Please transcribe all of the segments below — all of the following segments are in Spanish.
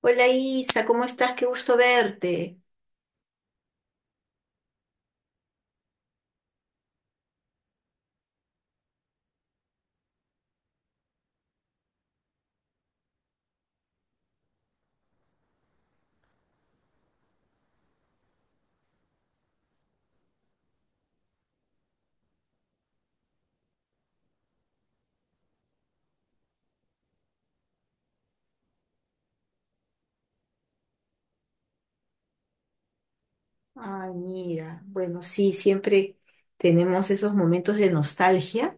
Hola Isa, ¿cómo estás? Qué gusto verte. Ay, mira, bueno, sí, siempre tenemos esos momentos de nostalgia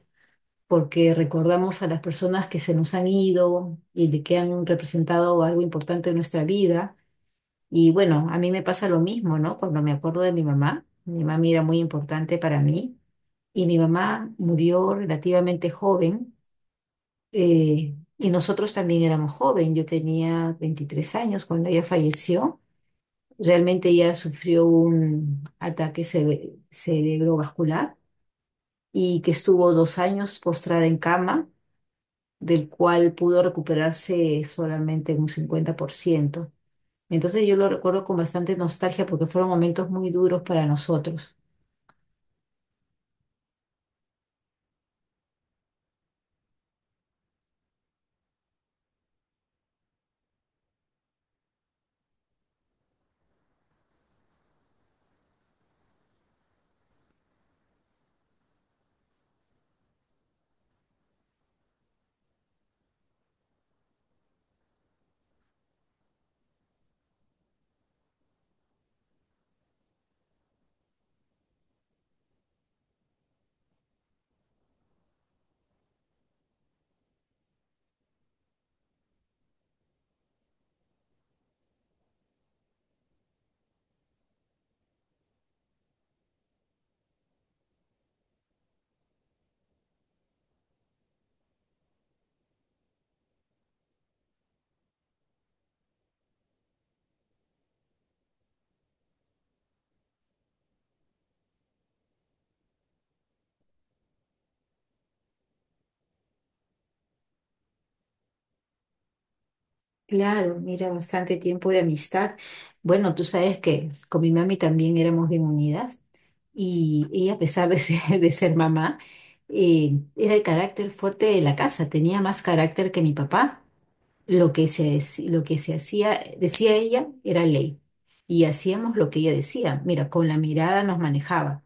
porque recordamos a las personas que se nos han ido y de que han representado algo importante en nuestra vida. Y bueno, a mí me pasa lo mismo, ¿no? Cuando me acuerdo de mi mamá era muy importante para mí y mi mamá murió relativamente joven, y nosotros también éramos joven. Yo tenía 23 años cuando ella falleció. Realmente ella sufrió un ataque cerebrovascular y que estuvo dos años postrada en cama, del cual pudo recuperarse solamente en un 50%. Entonces yo lo recuerdo con bastante nostalgia porque fueron momentos muy duros para nosotros. Claro, mira, bastante tiempo de amistad. Bueno, tú sabes que con mi mami también éramos bien unidas y ella, a pesar de ser, de ser mamá, era el carácter fuerte de la casa, tenía más carácter que mi papá. Lo que se hacía, decía ella, era ley y hacíamos lo que ella decía. Mira, con la mirada nos manejaba.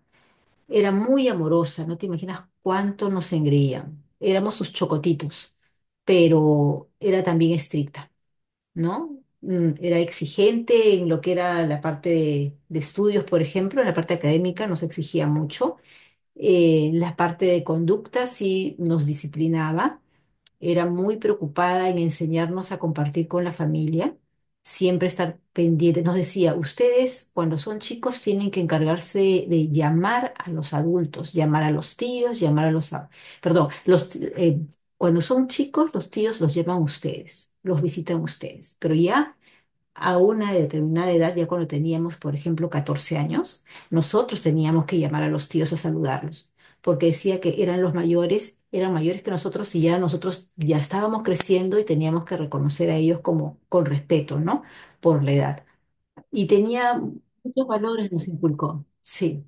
Era muy amorosa, no te imaginas cuánto nos engreían. Éramos sus chocotitos, pero era también estricta, ¿no? Era exigente en lo que era la parte de estudios, por ejemplo, en la parte académica nos exigía mucho. La parte de conducta sí nos disciplinaba, era muy preocupada en enseñarnos a compartir con la familia, siempre estar pendiente. Nos decía, ustedes cuando son chicos tienen que encargarse de llamar a los adultos, llamar a los tíos, llamar a los... Perdón, cuando son chicos los tíos los llaman ustedes, los visitan ustedes, pero ya a una determinada edad, ya cuando teníamos, por ejemplo, 14 años, nosotros teníamos que llamar a los tíos a saludarlos, porque decía que eran los mayores, eran mayores que nosotros y ya nosotros ya estábamos creciendo y teníamos que reconocer a ellos como con respeto, ¿no? Por la edad. Y tenía muchos valores, nos inculcó. Sí.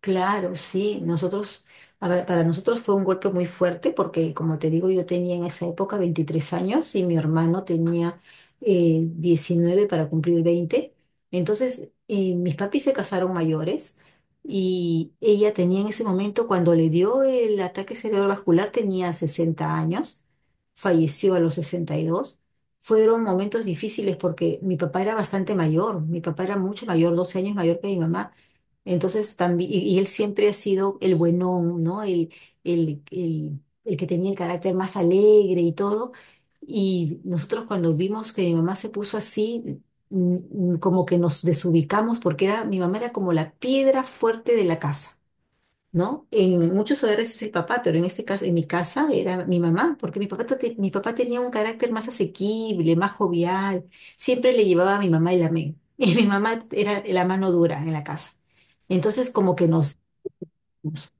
Claro, sí. Nosotros, a ver, para nosotros fue un golpe muy fuerte porque, como te digo, yo tenía en esa época 23 años y mi hermano tenía 19 para cumplir 20. Entonces, mis papis se casaron mayores y ella tenía en ese momento, cuando le dio el ataque cerebrovascular, tenía 60 años, falleció a los 62. Fueron momentos difíciles porque mi papá era bastante mayor, mi papá era mucho mayor, 12 años mayor que mi mamá. Entonces también, y él siempre ha sido el buenón, ¿no? El que tenía el carácter más alegre y todo. Y nosotros cuando vimos que mi mamá se puso así, como que nos desubicamos porque era, mi mamá era como la piedra fuerte de la casa, ¿no? En muchos hogares es el papá, pero en este caso, en mi casa era mi mamá, porque mi papá, mi papá tenía un carácter más asequible, más jovial, siempre le llevaba a mi mamá el amén, y mi mamá era la mano dura en la casa. Entonces, como que nos-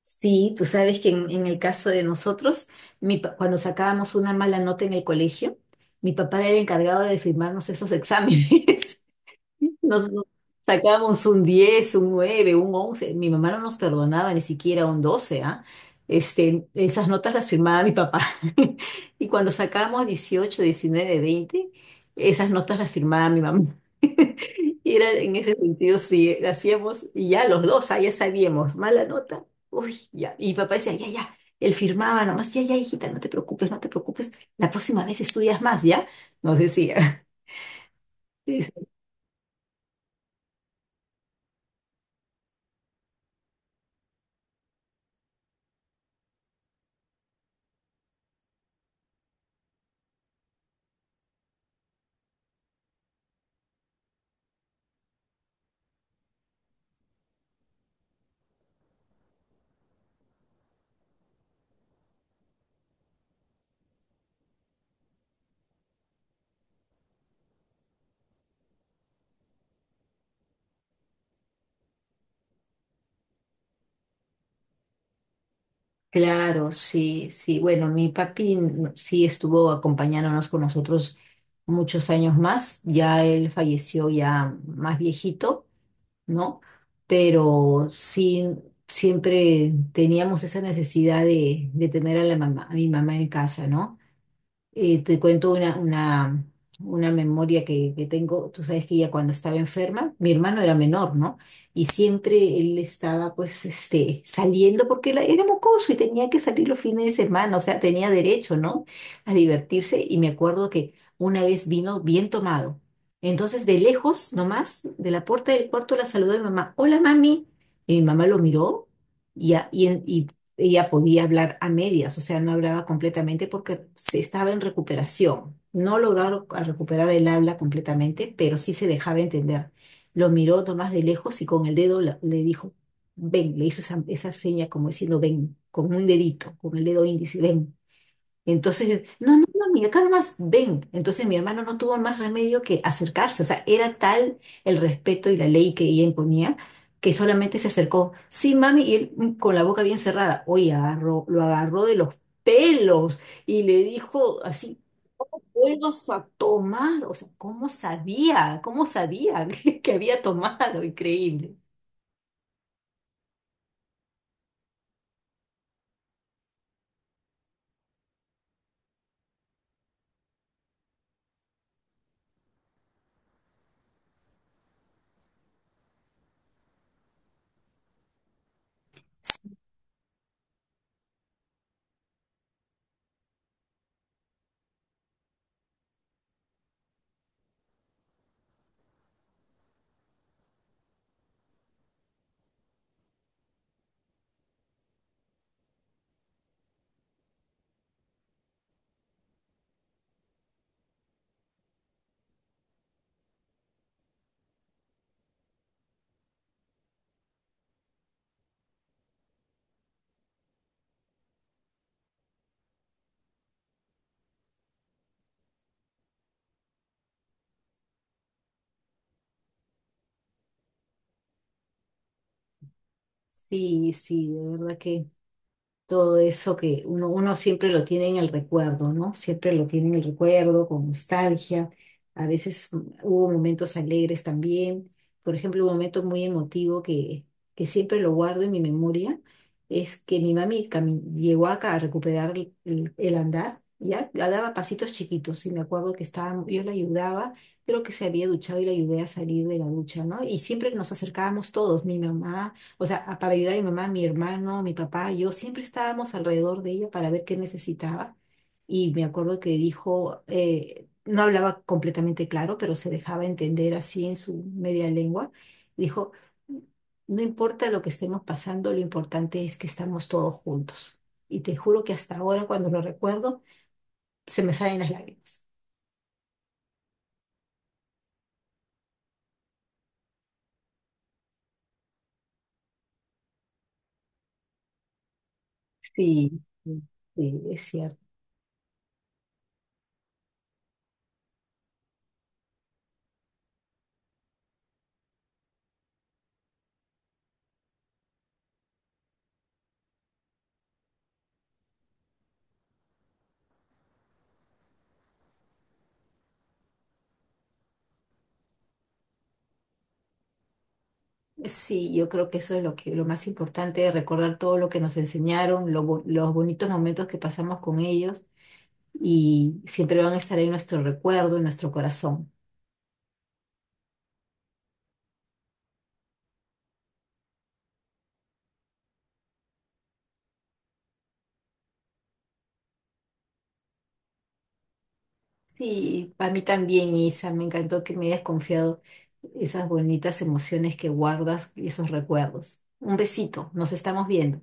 Sí, tú sabes que en el caso de nosotros, cuando sacábamos una mala nota en el colegio, mi papá era el encargado de firmarnos esos exámenes. Nos sacábamos un 10, un 9, un 11. Mi mamá no nos perdonaba ni siquiera un 12, ¿ah? Este, esas notas las firmaba mi papá. Y cuando sacábamos 18, 19, 20, esas notas las firmaba mi mamá. Y era en ese sentido, sí, hacíamos, y ya los dos, ah, ya sabíamos, mala nota, uy, ya. Y mi papá decía, ya, ya, él firmaba nomás, ya, ya, hijita, no te preocupes, no te preocupes, la próxima vez estudias más, ¿ya? Nos decía. Claro, sí, sí. Bueno, mi papi sí estuvo acompañándonos con nosotros muchos años más. Ya él falleció ya más viejito, ¿no? Pero sí, siempre teníamos esa necesidad de tener a la mamá, a mi mamá en casa, ¿no? Te cuento una memoria que tengo. Tú sabes que ella cuando estaba enferma, mi hermano era menor, ¿no? Y siempre él estaba pues este, saliendo porque él era mocoso y tenía que salir los fines de semana, o sea, tenía derecho, ¿no? A divertirse. Y me acuerdo que una vez vino bien tomado. Entonces, de lejos, nomás, de la puerta del cuarto, la saludó mi mamá. Hola, mami. Y mi mamá lo miró y ella podía hablar a medias, o sea, no hablaba completamente porque se estaba en recuperación. No lograron a recuperar el habla completamente, pero sí se dejaba entender. Lo miró Tomás de lejos y con el dedo le dijo, ven, le hizo esa seña como diciendo, ven, con un dedito, con el dedo índice, ven. Entonces, yo, no, no, no, mi acá nomás, ven. Entonces mi hermano no tuvo más remedio que acercarse. O sea, era tal el respeto y la ley que ella imponía que solamente se acercó. Sí, mami, y él con la boca bien cerrada. Oye, agarró, lo agarró de los pelos y le dijo así, vuelvas a tomar. O sea, ¿cómo sabía? ¿Cómo sabía que había tomado? Increíble. Sí, sí, de verdad que. Todo eso que uno siempre lo tiene en el recuerdo, ¿no? Siempre lo tiene en el recuerdo, con nostalgia. A veces hubo momentos alegres también. Por ejemplo, un momento muy emotivo que, siempre lo guardo en mi memoria es que mi mami llegó acá a recuperar el andar, ya, ya daba pasitos chiquitos y me acuerdo que estaba, yo la ayudaba, creo que se había duchado y la ayudé a salir de la ducha, ¿no? Y siempre nos acercábamos todos, mi mamá. O sea, para ayudar a mi mamá, mi hermano, mi papá, yo siempre estábamos alrededor de ella para ver qué necesitaba. Y me acuerdo que dijo, no hablaba completamente claro, pero se dejaba entender así en su media lengua. Dijo, no importa lo que estemos pasando, lo importante es que estamos todos juntos. Y te juro que hasta ahora, cuando lo recuerdo, se me salen las lágrimas. Sí, sí, sí, es cierto. Sí, yo creo que eso es lo que lo más importante, recordar todo lo que nos enseñaron, los bonitos momentos que pasamos con ellos y siempre van a estar en nuestro recuerdo, en nuestro corazón. Sí, para mí también, Isa, me encantó que me hayas confiado esas bonitas emociones que guardas y esos recuerdos. Un besito, nos estamos viendo.